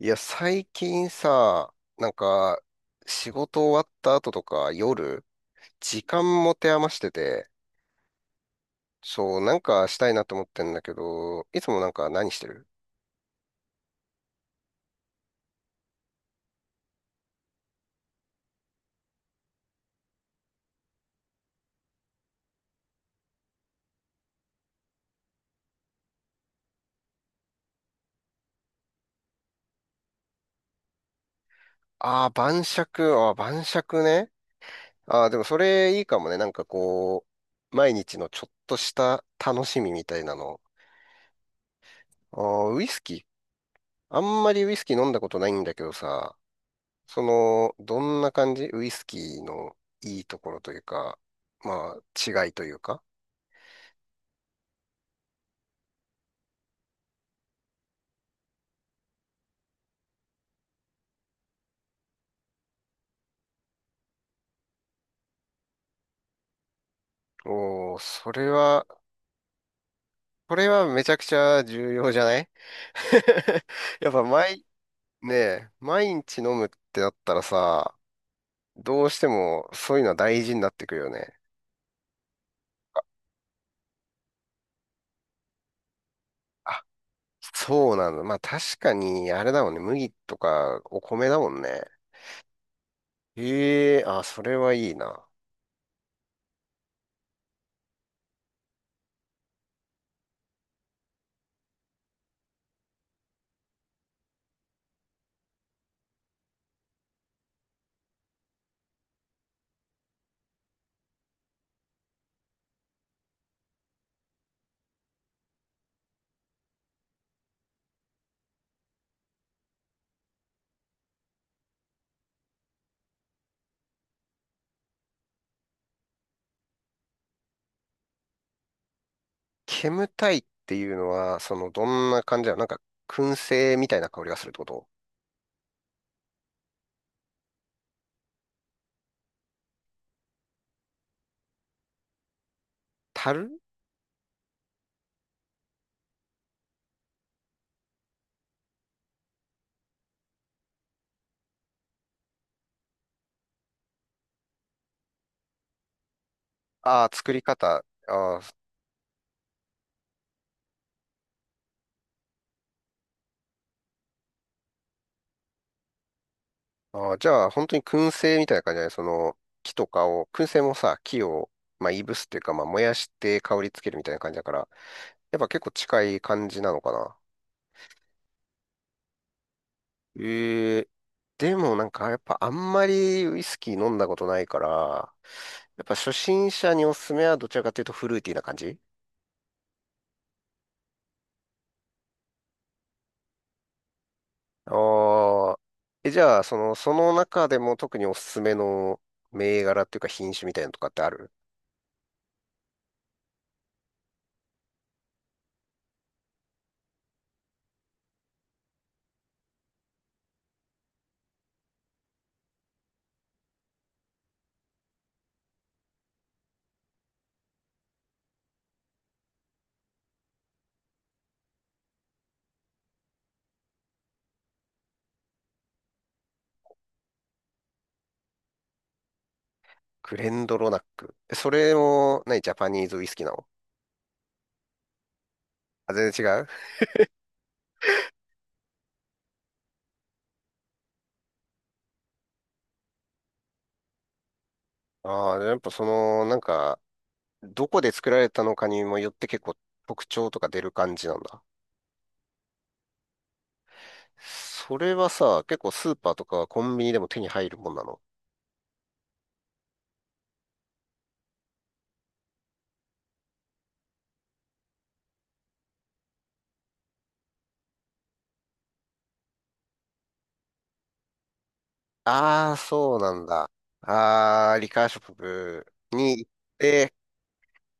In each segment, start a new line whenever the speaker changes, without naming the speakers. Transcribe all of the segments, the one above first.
いや、最近さ、仕事終わった後とか夜、時間持て余してて、そう、なんかしたいなと思ってんだけど、いつも何してる？ああー、晩酌、ああ、晩酌ね。ああ、でもそれいいかもね。なんかこう、毎日のちょっとした楽しみみたいなの。ああ、ウイスキー。あんまりウイスキー飲んだことないんだけどさ、その、どんな感じ、ウイスキーのいいところというか、まあ、違いというか。おー、それは、これはめちゃくちゃ重要じゃない？ やっぱ毎、ねえ、毎日飲むってなったらさ、どうしてもそういうのは大事になってくるよね。あ、そうなんだ。まあ確かに、あれだもんね。麦とかお米だもんね。ええ、あ、それはいいな。煙たいっていうのは、その、どんな感じだ、なんか、燻製みたいな香りがするってこと？樽。ああー、作り方。ああ、ああ、じゃあ、本当に燻製みたいな感じだね。その、木とかを、燻製もさ、木を、まあ、いぶすっていうか、まあ、燃やして香りつけるみたいな感じだから、やっぱ結構近い感じなのかな。ええ、でもなんか、やっぱあんまりウイスキー飲んだことないから、やっぱ初心者におすすめはどちらかというとフルーティーな感じ？ああ。え、じゃあ、その、その中でも特におすすめの銘柄っていうか品種みたいなのとかってある？クレンドロナック。え、それも、何、ジャパニーズウイスキーなの？あ、全然違う？ああ、やっぱその、なんか、どこで作られたのかにもよって結構特徴とか出る感じなんだ。それはさ、結構スーパーとかコンビニでも手に入るもんなの？ああー、そうなんだ。ああ、リカーショップに行って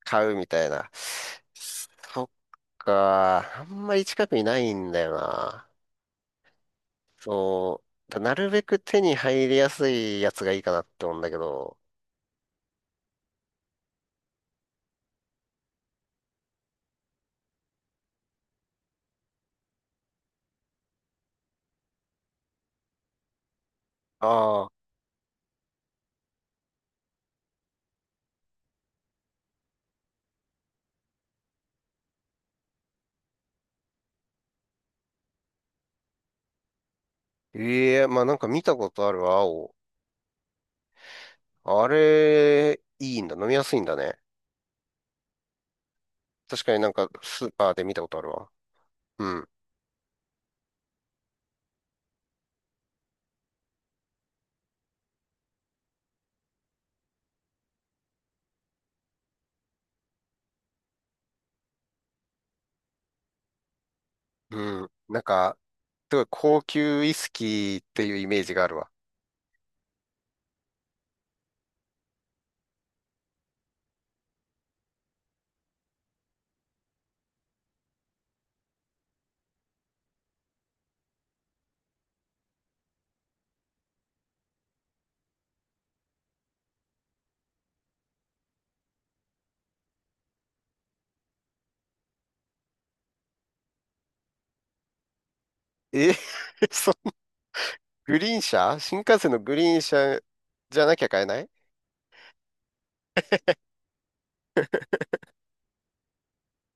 買うみたいな。そっか、あんまり近くにないんだよな。そう、だ、なるべく手に入りやすいやつがいいかなって思うんだけど。ああ、ええ、まあなんか見たことあるわ、青。あれ、いいんだ。飲みやすいんだね。確かになんかスーパーで見たことあるわ。うん。うん。なんか、すごい高級ウイスキーっていうイメージがあるわ。え？ そんな、グリーン車、新幹線のグリーン車じゃなきゃ買えない？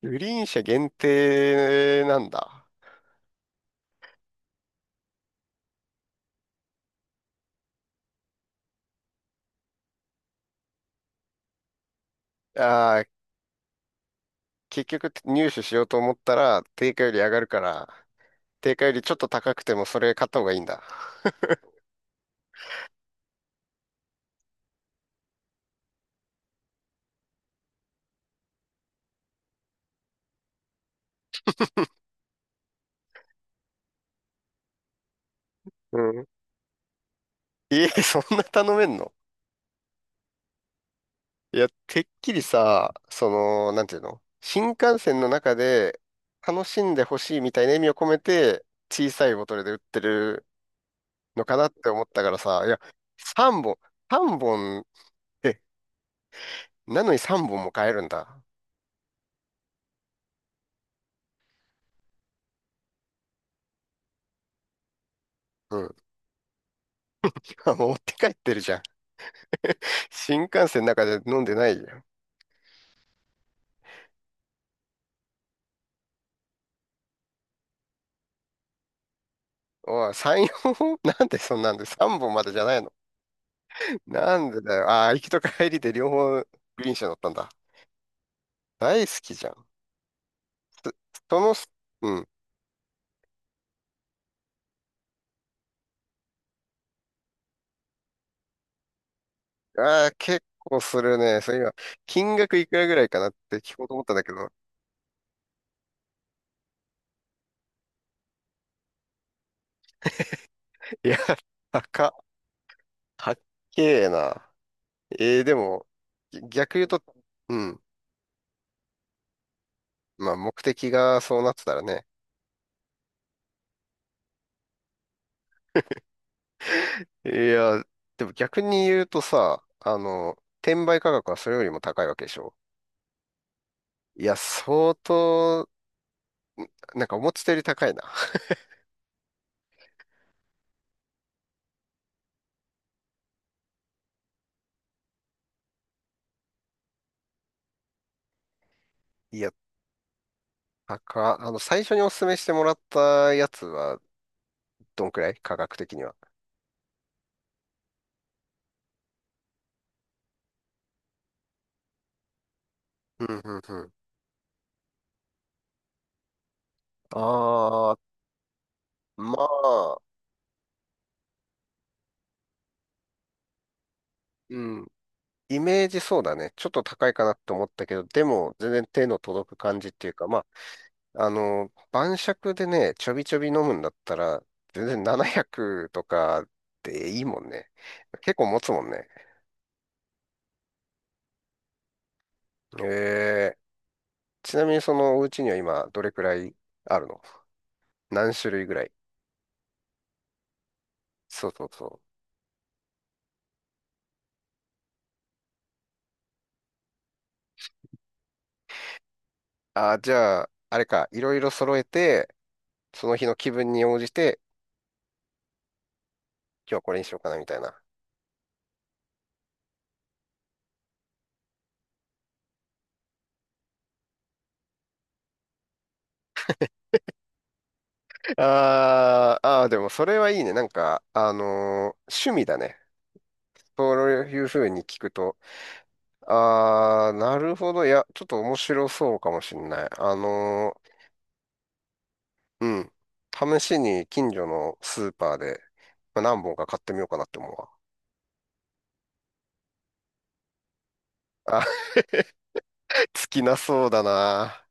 グリーン車限定なんだ。ああ、結局入手しようと思ったら定価より上がるから、定価よりちょっと高くてもそれ買った方がいいんだ。うん。え、そんな頼めんの？いや、てっきりさ、その、なんていうの、新幹線の中で楽しんでほしいみたいな意味を込めて、小さいボトルで売ってるのかなって思ったからさ、いや、3本、3本、え、なのに3本も買えるんだ。うん。あ、持って帰ってるじゃん。新幹線の中で飲んでないじゃん。おい、3、本。 なんでそんなんで3本までじゃないの？なんでだよ。ああ、行きと帰りで両方グリーン車乗ったんだ。大好きじゃん。その、うん。ああ、結構するね。そう、今、金額いくらぐらいかなって聞こうと思ったんだけど。いや、高っ。高っけえな。でも、逆言うと、うん。まあ、目的がそうなってたらね。いや、でも逆に言うとさ、転売価格はそれよりも高いわけでしょ。いや、相当、なんか思ってたより高いな。いや、高っ。最初にお勧めしてもらったやつは、どんくらい価格的には。うん、うん、うん。ああ、まあ、うん。イメージそうだね。ちょっと高いかなって思ったけど、でも全然手の届く感じっていうか、まあ、晩酌でね、ちょびちょび飲むんだったら、全然700とかでいいもんね。結構持つもんね。ええ、ちなみにそのお家には今どれくらいあるの？何種類ぐらい？そうそうそう。ああ、じゃあ、あれか、いろいろ揃えて、その日の気分に応じて、今日はこれにしようかなみたいな。あーあー、でもそれはいいね。なんか、趣味だね。そういうふうに聞くと、ああ、なるほど。いや、ちょっと面白そうかもしんない。うん。試しに近所のスーパーで、まあ何本か買ってみようかなって思うわ。あ、尽きなそうだな。